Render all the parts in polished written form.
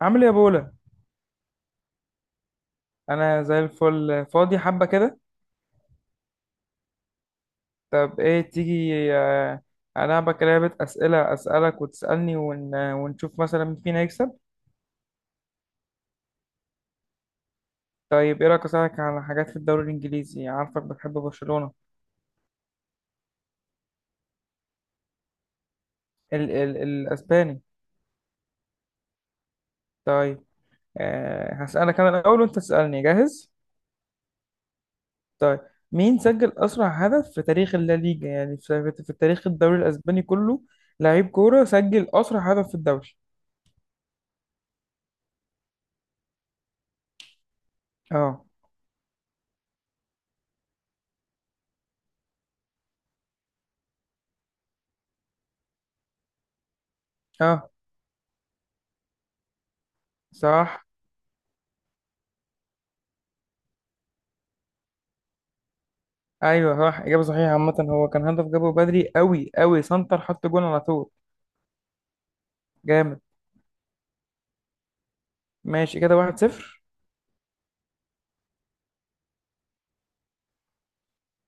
عامل ايه يا بولا؟ انا زي الفل، فاضي حبه كده. طب ايه، تيجي العبك لعبه اسئله، اسالك وتسالني، ونشوف مثلا مين فينا يكسب. طيب، ايه رايك اسالك على حاجات في الدوري الانجليزي؟ عارفك بتحب برشلونه. الاسباني. طيب. هسالك انا الاول وانت تسالني، جاهز؟ طيب، مين سجل اسرع هدف في تاريخ الليجا، يعني في تاريخ الدوري الاسباني كله؟ لعيب كوره سجل اسرع هدف في الدوري. اه، اه، صح. ايوه صح، اجابه صحيحه. عامه هو كان هدف جابه بدري قوي قوي، سنتر حط جون على طول. جامد. ماشي كده، 1-0.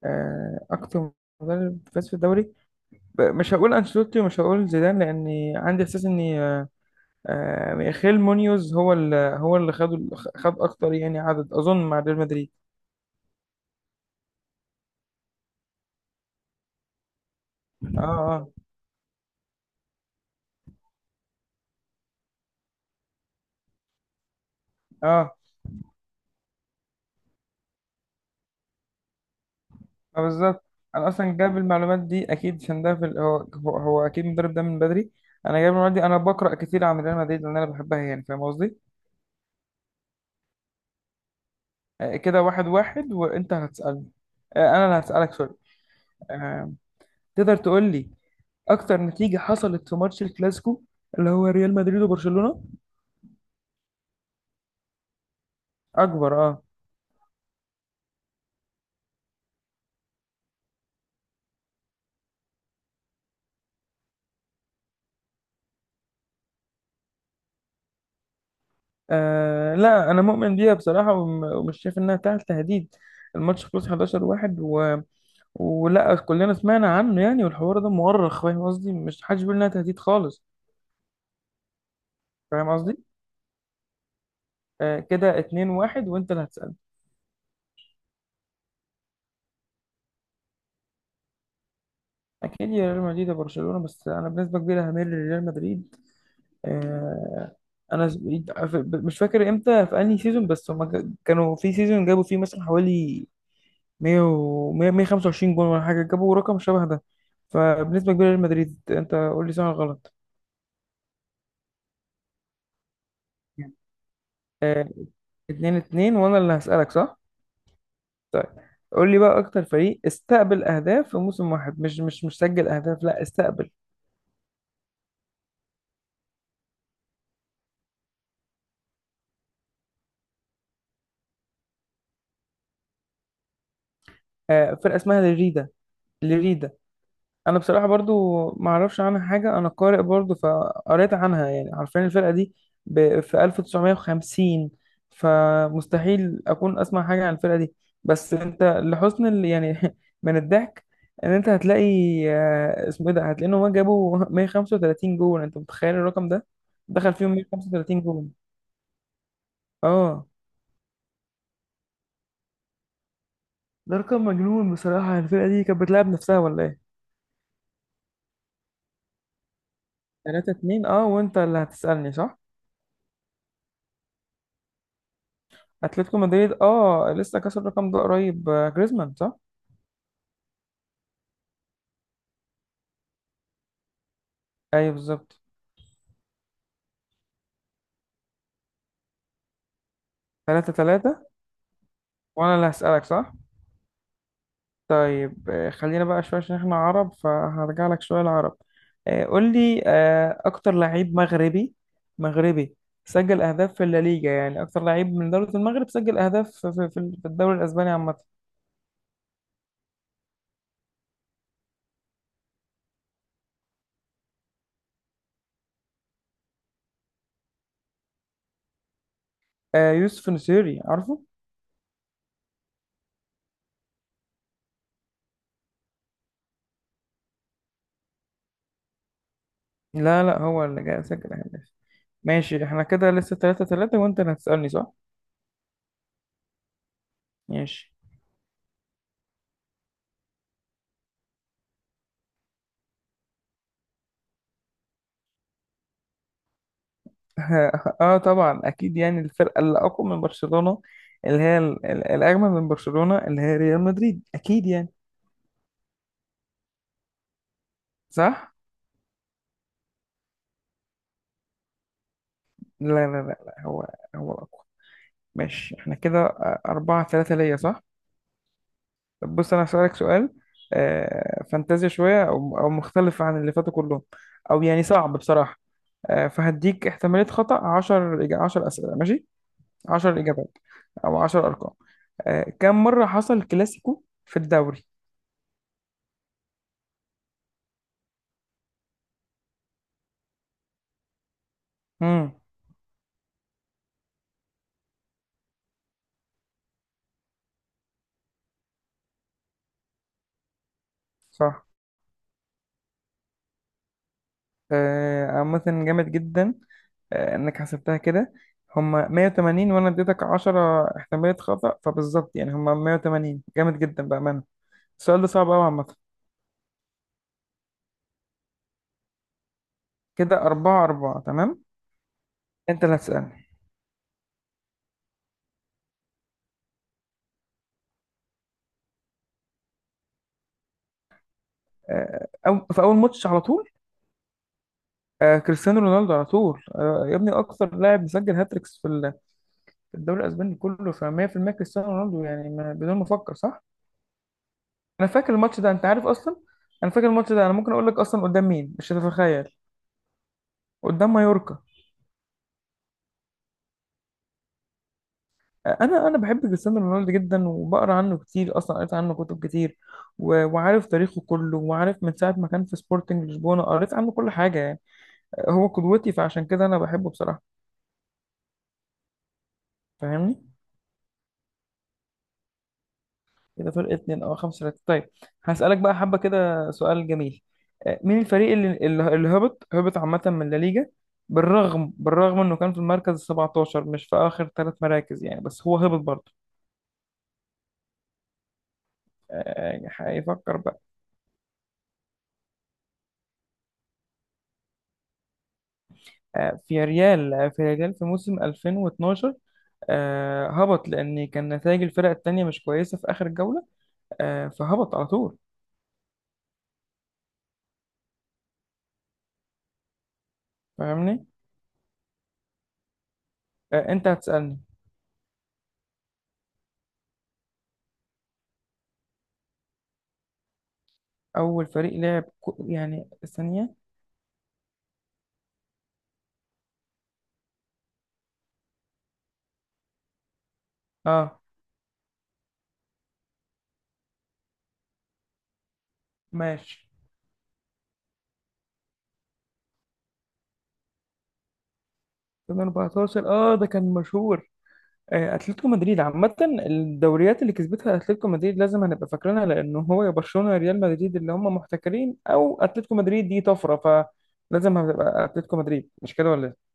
اكتر مدرب فاز في الدوري؟ مش هقول انشيلوتي ومش هقول زيدان، لاني عندي احساس ان ميخيل مونيوز هو اللي خد اكتر، يعني عدد، اظن مع ريال مدريد. اه اه اه. بالظبط. انا اصلا جايب المعلومات دي اكيد عشان ده في هو هو اكيد المدرب ده من بدري. انا جايب المعلومات دي، انا بقرا كتير عن ريال مدريد لان انا بحبها، يعني فاهم قصدي. كده واحد واحد، وانت هتسألني. انا اللي هسألك، سوري. آه، تقدر تقول لي اكتر نتيجة حصلت في ماتش الكلاسيكو، اللي هو ريال مدريد وبرشلونة؟ اكبر، اه. لا انا مؤمن بيها بصراحة، ومش شايف انها تحت تهديد. الماتش خلص 11 واحد، ولا كلنا سمعنا عنه يعني، والحوار ده مؤرخ، فاهم قصدي؟ مش حدش بيقول انها تهديد خالص. فاهم قصدي. كده 2 1، وانت اللي هتسأل. اكيد يا ريال مدريد وبرشلونة، بس انا بنسبة كبيرة هميل لريال مدريد. آه، انا س- مش فاكر امتى، في انهي سيزون، بس هما كانوا في سيزون جابوا فيه مثلا حوالي 100 و 100 125 جون ولا حاجه، جابوا رقم شبه ده. فبنسبه كبيره ريال مدريد، انت قول لي صح ولا غلط. آه، اتنين اتنين، وانا اللي هسألك صح؟ طيب، قول لي بقى اكتر فريق استقبل اهداف في موسم واحد، مش سجل اهداف، لا، استقبل. آه، فرقة اسمها ليريدا. ليريدا. انا بصراحه برضو ما اعرفش عنها حاجه، انا قارئ برضو فقريت عنها، يعني عارفين الفرقه دي في 1950، فمستحيل اكون اسمع حاجه عن الفرقه دي. بس انت لحسن يعني من الضحك ان انت هتلاقي اسمه ايه ده، هتلاقي ان هم جابوا 135 جول، انت متخيل الرقم ده؟ دخل فيهم 135 جول، اه. ده رقم مجنون بصراحه، الفرقه دي كانت بتلعب نفسها ولا ايه؟ 3 2، اه، وانت اللي هتسالني صح. اتلتيكو مدريد، اه، لسه كسر الرقم ده قريب، جريزمان صح. ايوه بالظبط. 3 3، وانا اللي هسألك صح. طيب خلينا بقى شويه عشان احنا عرب، فهرجع لك شويه العرب. قول لي اكتر لعيب مغربي، مغربي، سجل اهداف في الليجا. يعني اكتر لعيب من دوله المغرب سجل اهداف في في الدوري الاسباني عامه. يوسف نسيري، عارفه. لا لا، هو اللي جاي سجل اهداف. ماشي احنا كده لسه 3 3، وانت اللي هتسألني صح. ماشي. اه طبعا اكيد يعني الفرقه اللي اقوى من برشلونه، اللي هي الاجمل من برشلونه، اللي هي ريال مدريد، اكيد يعني. صح. لا هو الاقوى. ماشي احنا كده أربعة ثلاثة ليا، صح؟ طب بص، انا هسألك سؤال فانتازيا شويه، او مختلف عن اللي فاتوا كلهم، او يعني صعب بصراحه. فهديك احتماليه خطأ 10، 10 اسئله ماشي، 10 اجابات او 10 ارقام. كم مره حصل كلاسيكو في الدوري؟ امم، صح. عامة جامد جدا انك حسبتها كده. هما 180، وانا اديتك 10 احتمالية خطأ، فبالظبط يعني. هما 180، جامد جدا بأمانة، السؤال ده صعب قوي عامة. كده 4 4، تمام. انت اللي هتسألني. أو في اول ماتش على طول. كريستيانو رونالدو على طول يا ابني، اكتر لاعب مسجل هاتريكس في في الدوري الاسباني كله، ف 100% كريستيانو رونالدو يعني، بدون ما افكر صح. انا فاكر الماتش ده، انت عارف اصلا، انا فاكر الماتش ده. انا ممكن اقول لك اصلا قدام مين، مش هتتخيل. قدام مايوركا. انا بحب كريستيانو رونالدو جدا، وبقرا عنه كتير، اصلا قريت عنه كتب كتير، وعارف تاريخه كله، وعارف من ساعه ما كان في سبورتنج لشبونه، قريت عنه كل حاجه يعني. هو قدوتي، فعشان كده انا بحبه بصراحه. فاهمني. كده فرق اتنين، او خمسة ثلاثة. طيب، هسألك بقى حبة كده سؤال جميل. مين الفريق اللي هبط عامة من لا ليجا، بالرغم انه كان في المركز ال 17، مش في اخر ثلاث مراكز يعني، بس هو هبط برضه؟ يعني هيفكر بقى. في ريال في موسم 2012 هبط، لأن كان نتائج الفرق التانية مش كويسة في آخر جولة، فهبط على طول. فاهمني. أنت هتسألني. أول فريق لعب يعني ثانية. أه ماشي. 2014، أه ده كان مشهور. أتلتيكو مدريد. عامة الدوريات اللي كسبتها أتلتيكو مدريد لازم هنبقى فاكرينها، لأن هو يا برشلونة يا ريال مدريد اللي هم محتكرين، أو أتلتيكو مدريد دي طفرة. فلازم هتبقى أتلتيكو مدريد، مش كده ولا إيه؟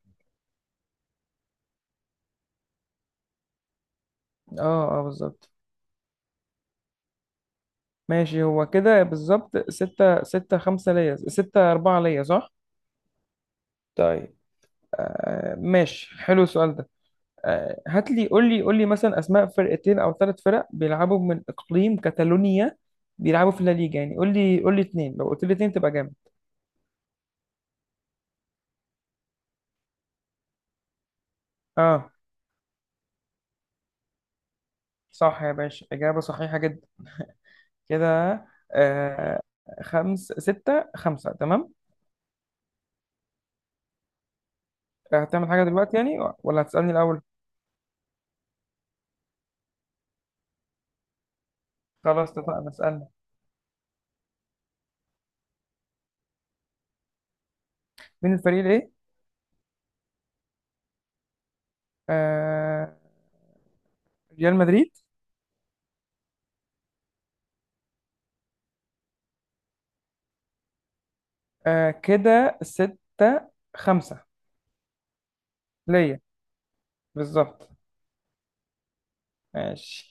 أه أه بالظبط. ماشي، هو كده بالظبط ستة ستة، خمسة ليا، ستة أربعة ليا صح؟ طيب، آه ماشي، حلو السؤال ده. آه، هات لي قول لي قول لي مثلا أسماء فرقتين أو ثلاث فرق بيلعبوا من إقليم كاتالونيا، بيلعبوا في الليجا. يعني قول لي اتنين، لو قلت لي اتنين تبقى جامد. اه صح يا باشا، إجابة صحيحة جدا. كده آه خمس ستة، خمسة، تمام. هتعمل حاجة دلوقتي يعني، ولا هتسألني الأول؟ خلاص اتفقنا، اسألني. مين الفريق الإيه؟ آه، ريال مدريد. آه كده ستة خمسة ليا، بالظبط. ماشي.